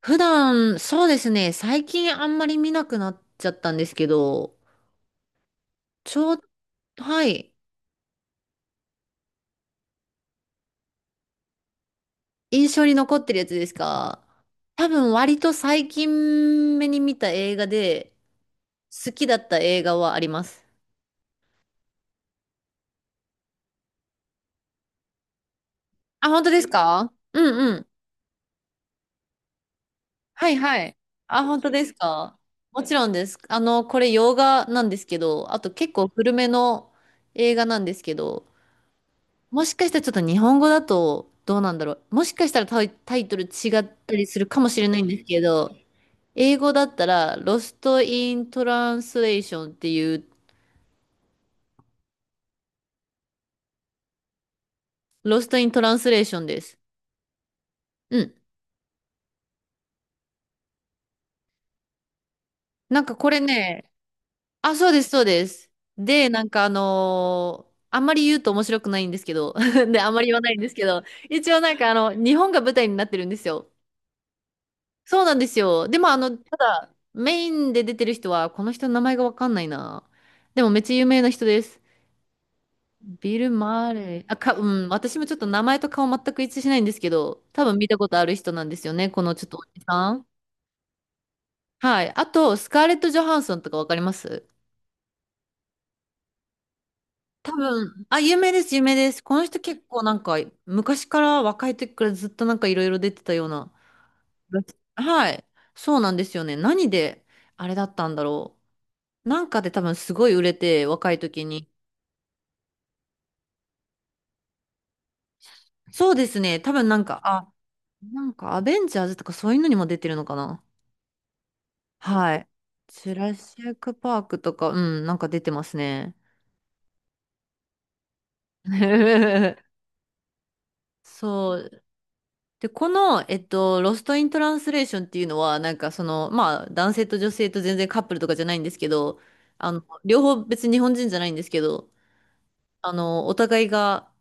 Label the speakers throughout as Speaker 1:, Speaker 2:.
Speaker 1: 普段、そうですね、最近あんまり見なくなっちゃったんですけど、ちょう、はい、印象に残ってるやつですか？多分割と最近目に見た映画で、好きだった映画はあります。あ、本当ですか？うんうん。はいはい。あ、本当ですか？もちろんです。あの、これ洋画なんですけど、あと結構古めの映画なんですけど、もしかしたらちょっと日本語だとどうなんだろう。もしかしたらタイトル違ったりするかもしれないんですけど、英語だったら、ロスト・イン・トランスレーションっていう、ロスト・イン・トランスレーションです。うん。なんかこれね、あ、そうです、そうです。で、なんかあんまり言うと面白くないんですけど、で、あんまり言わないんですけど、一応なんか日本が舞台になってるんですよ。そうなんですよ。でも、ただ、メインで出てる人は、この人の名前がわかんないな。でも、めっちゃ有名な人です。ビル・マーレー。うん、私もちょっと名前と顔全く一致しないんですけど、多分見たことある人なんですよね、このちょっとおじさん。はい。あと、スカーレット・ジョハンソンとかわかります？多分、あ、有名です、有名です。この人結構なんか、昔から若い時からずっとなんかいろいろ出てたような。はい。そうなんですよね。何で、あれだったんだろう。なんかで多分すごい売れて、若い時に。そうですね。多分なんか、あ、なんかアベンジャーズとかそういうのにも出てるのかな。はい。ジュラシックパークとか、うん、なんか出てますね。そう。で、この、えっと、ロストイントランスレーションっていうのは、なんかその、まあ、男性と女性と全然カップルとかじゃないんですけど、両方別に日本人じゃないんですけど、お互いが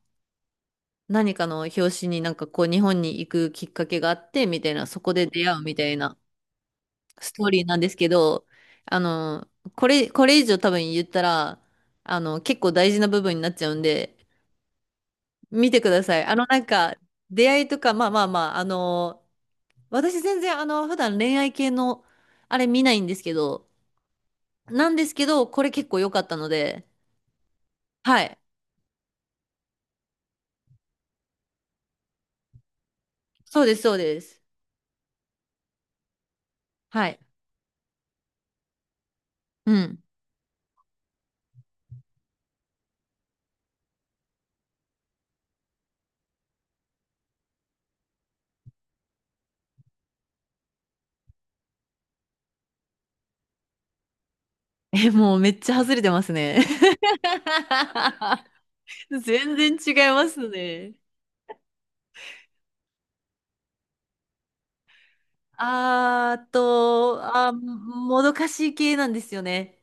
Speaker 1: 何かの表紙になんかこう日本に行くきっかけがあってみたいな、そこで出会うみたいなストーリーなんですけど、あの、これ以上多分言ったら、結構大事な部分になっちゃうんで、見てください。なんか、出会いとか、まあまあまあ、私全然普段恋愛系のあれ見ないんですけど、これ結構良かったので、はい。そうです、そうです。はい。うん。え、もうめっちゃ外れてますね。全然違いますね。あーと、あー、もどかしい系なんですよね。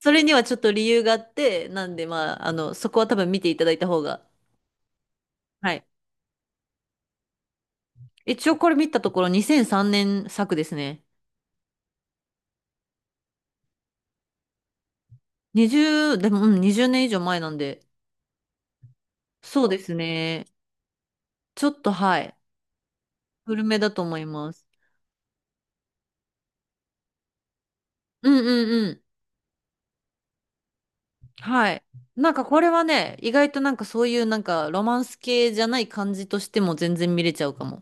Speaker 1: それにはちょっと理由があって、なんで、まあ、そこは多分見ていただいた方が。はい。一応これ見たところ2003年作ですね。20、でも、年以上前なんで。そうですね。ちょっと、はい。古めだと思います。うんうんうん。はい。なんかこれはね、意外となんかそういうなんかロマンス系じゃない感じとしても全然見れちゃうかも。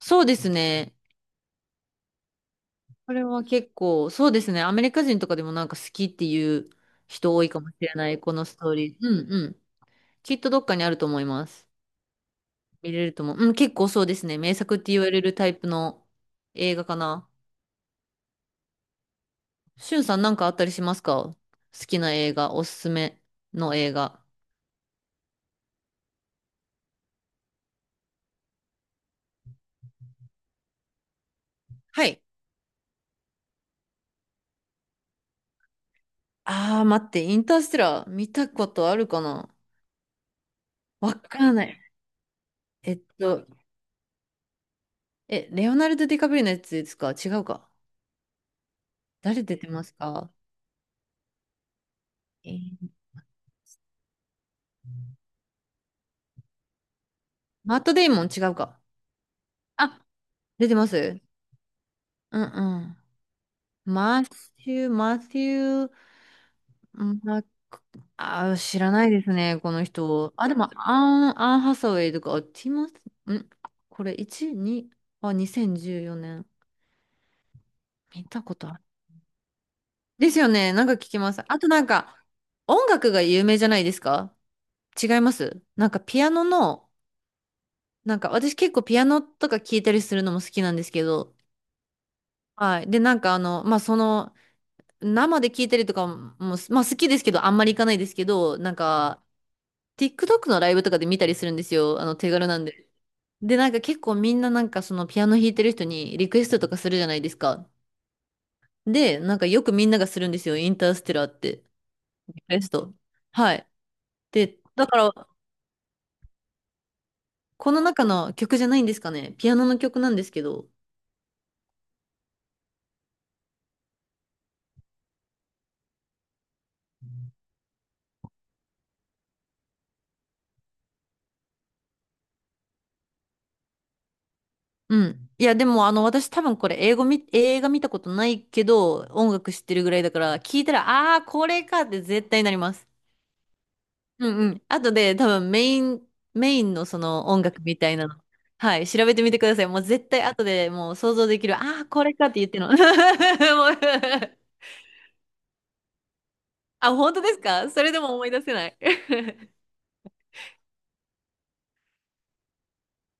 Speaker 1: そうですね。これは結構、そうですね。アメリカ人とかでもなんか好きっていう人多いかもしれない、このストーリー。うんうん。きっとどっかにあると思います。見れると思う。うん、結構そうですね。名作って言われるタイプの映画かな。しゅんさんなんかあったりしますか？好きな映画、おすすめの映画。はい。あー、待って、インターステラー見たことあるかな？わからない。えっと、レオナルド・ディカプリオのやつですか？違うか？誰出てますか？えーマット・デイモン違うか？あ、出てます？うんうん。マシュー、うんまあ、知らないですね、この人。あ、でも、アンハサウェイとか、あティモス、んこれ、1、2、あ、2014年。見たことある。ですよね、なんか聞きます。あとなんか、音楽が有名じゃないですか？違います？なんかピアノの、なんか私結構ピアノとか聴いたりするのも好きなんですけど、はい。で、なんかまあ、生で聞いたりとかも、まあ好きですけど、あんまり行かないですけど、なんか、TikTok のライブとかで見たりするんですよ。手軽なんで。で、なんか結構みんななんかそのピアノ弾いてる人にリクエストとかするじゃないですか。で、なんかよくみんながするんですよ。インターステラーって。リクエスト。はい。で、だから、この中の曲じゃないんですかね。ピアノの曲なんですけど。うん。いや、でも、私多分これ、英語み、映画見たことないけど、音楽知ってるぐらいだから、聞いたら、あー、これかって絶対なります。うんうん。あとで多分メインのその音楽みたいなの。はい、調べてみてください。もう絶対後でもう想像できる。ああ、これかって言ってるの。もう、あ、本当ですか？それでも思い出せない。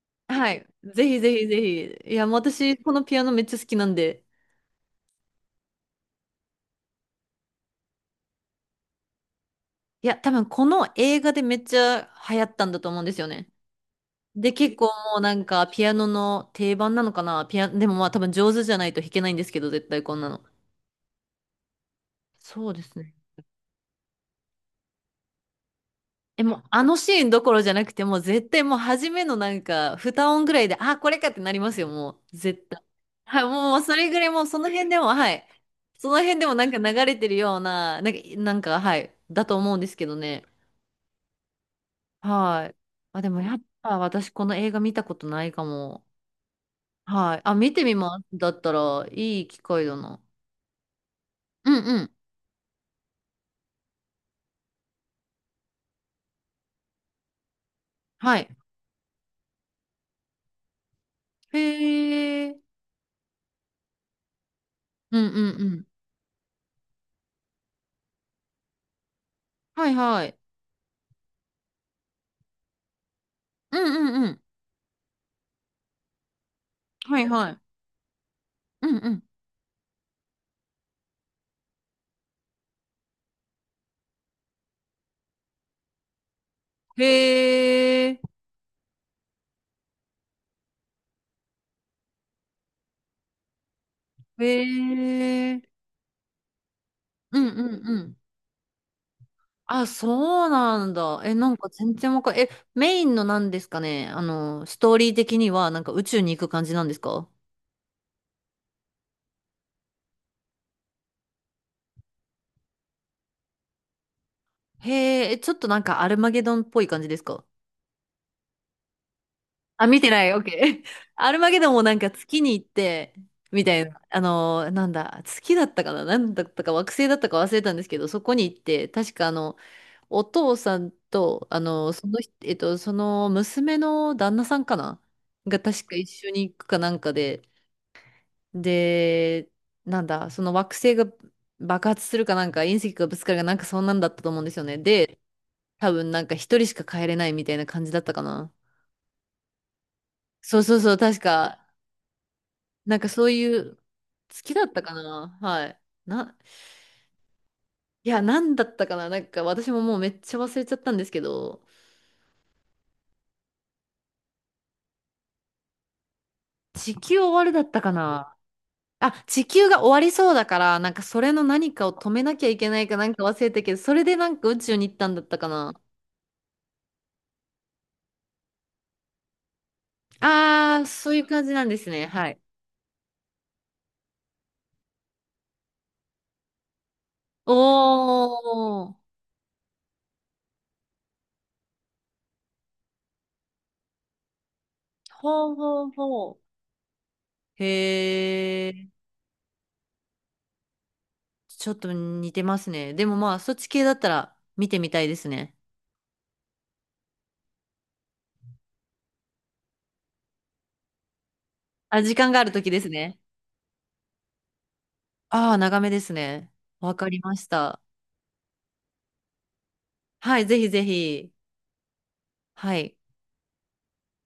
Speaker 1: はい。ぜひぜひぜひ。いや、もう私、このピアノめっちゃ好きなんで。いや、多分この映画でめっちゃ流行ったんだと思うんですよね。で、結構もうなんかピアノの定番なのかな。でもまあ多分上手じゃないと弾けないんですけど、絶対こんなの。そうですね。え、もうあのシーンどころじゃなくて、もう絶対もう初めのなんか、二音ぐらいで、あ、これかってなりますよ、もう。絶対。はい、もうそれぐらいもうその辺でも、はい。その辺でもなんか流れてるような、なんか、はい。だと思うんですけどね。はい。あ、でもやっぱ私この映画見たことないかも。はい。あ、見てみます。だったらいい機会だな。うんうん。はい。へえ。うんうんうん。はいはい。うんうんうん。はいはい。うんうん。へえ、へえ。うんうんうん。あ、そうなんだ。え、なんか全然わかんえ、メインのなんですかね。ストーリー的にはなんか宇宙に行く感じなんですか？へえ、ちょっとなんかアルマゲドンっぽい感じですか？あ、見てない。オッケー。アルマゲドンもなんか月に行って、みたいな。なんだ、月だったかな？なんだったか惑星だったか忘れたんですけど、そこに行って、確かお父さんと、その人、えっと、その娘の旦那さんかな？が確か一緒に行くかなんかで、で、なんだ、その惑星が爆発するかなんか、隕石がぶつかるかなんかそんなんだったと思うんですよね。で、多分なんか一人しか帰れないみたいな感じだったかな。そうそうそう、確か、なんかそういう、月だったかな？はい。な、いや、なんだったかな？なんか私ももうめっちゃ忘れちゃったんですけど、地球終わるだったかな？あ、地球が終わりそうだから、なんかそれの何かを止めなきゃいけないかなんか忘れたけど、それでなんか宇宙に行ったんだったかな。ああ、そういう感じなんですね。はい。おー。ほうほうほう。へえ。ちょっと似てますね。でもまあ、そっち系だったら見てみたいですね。あ、時間がある時ですね。ああ、長めですね。わかりました。はい、ぜひぜひ。はい。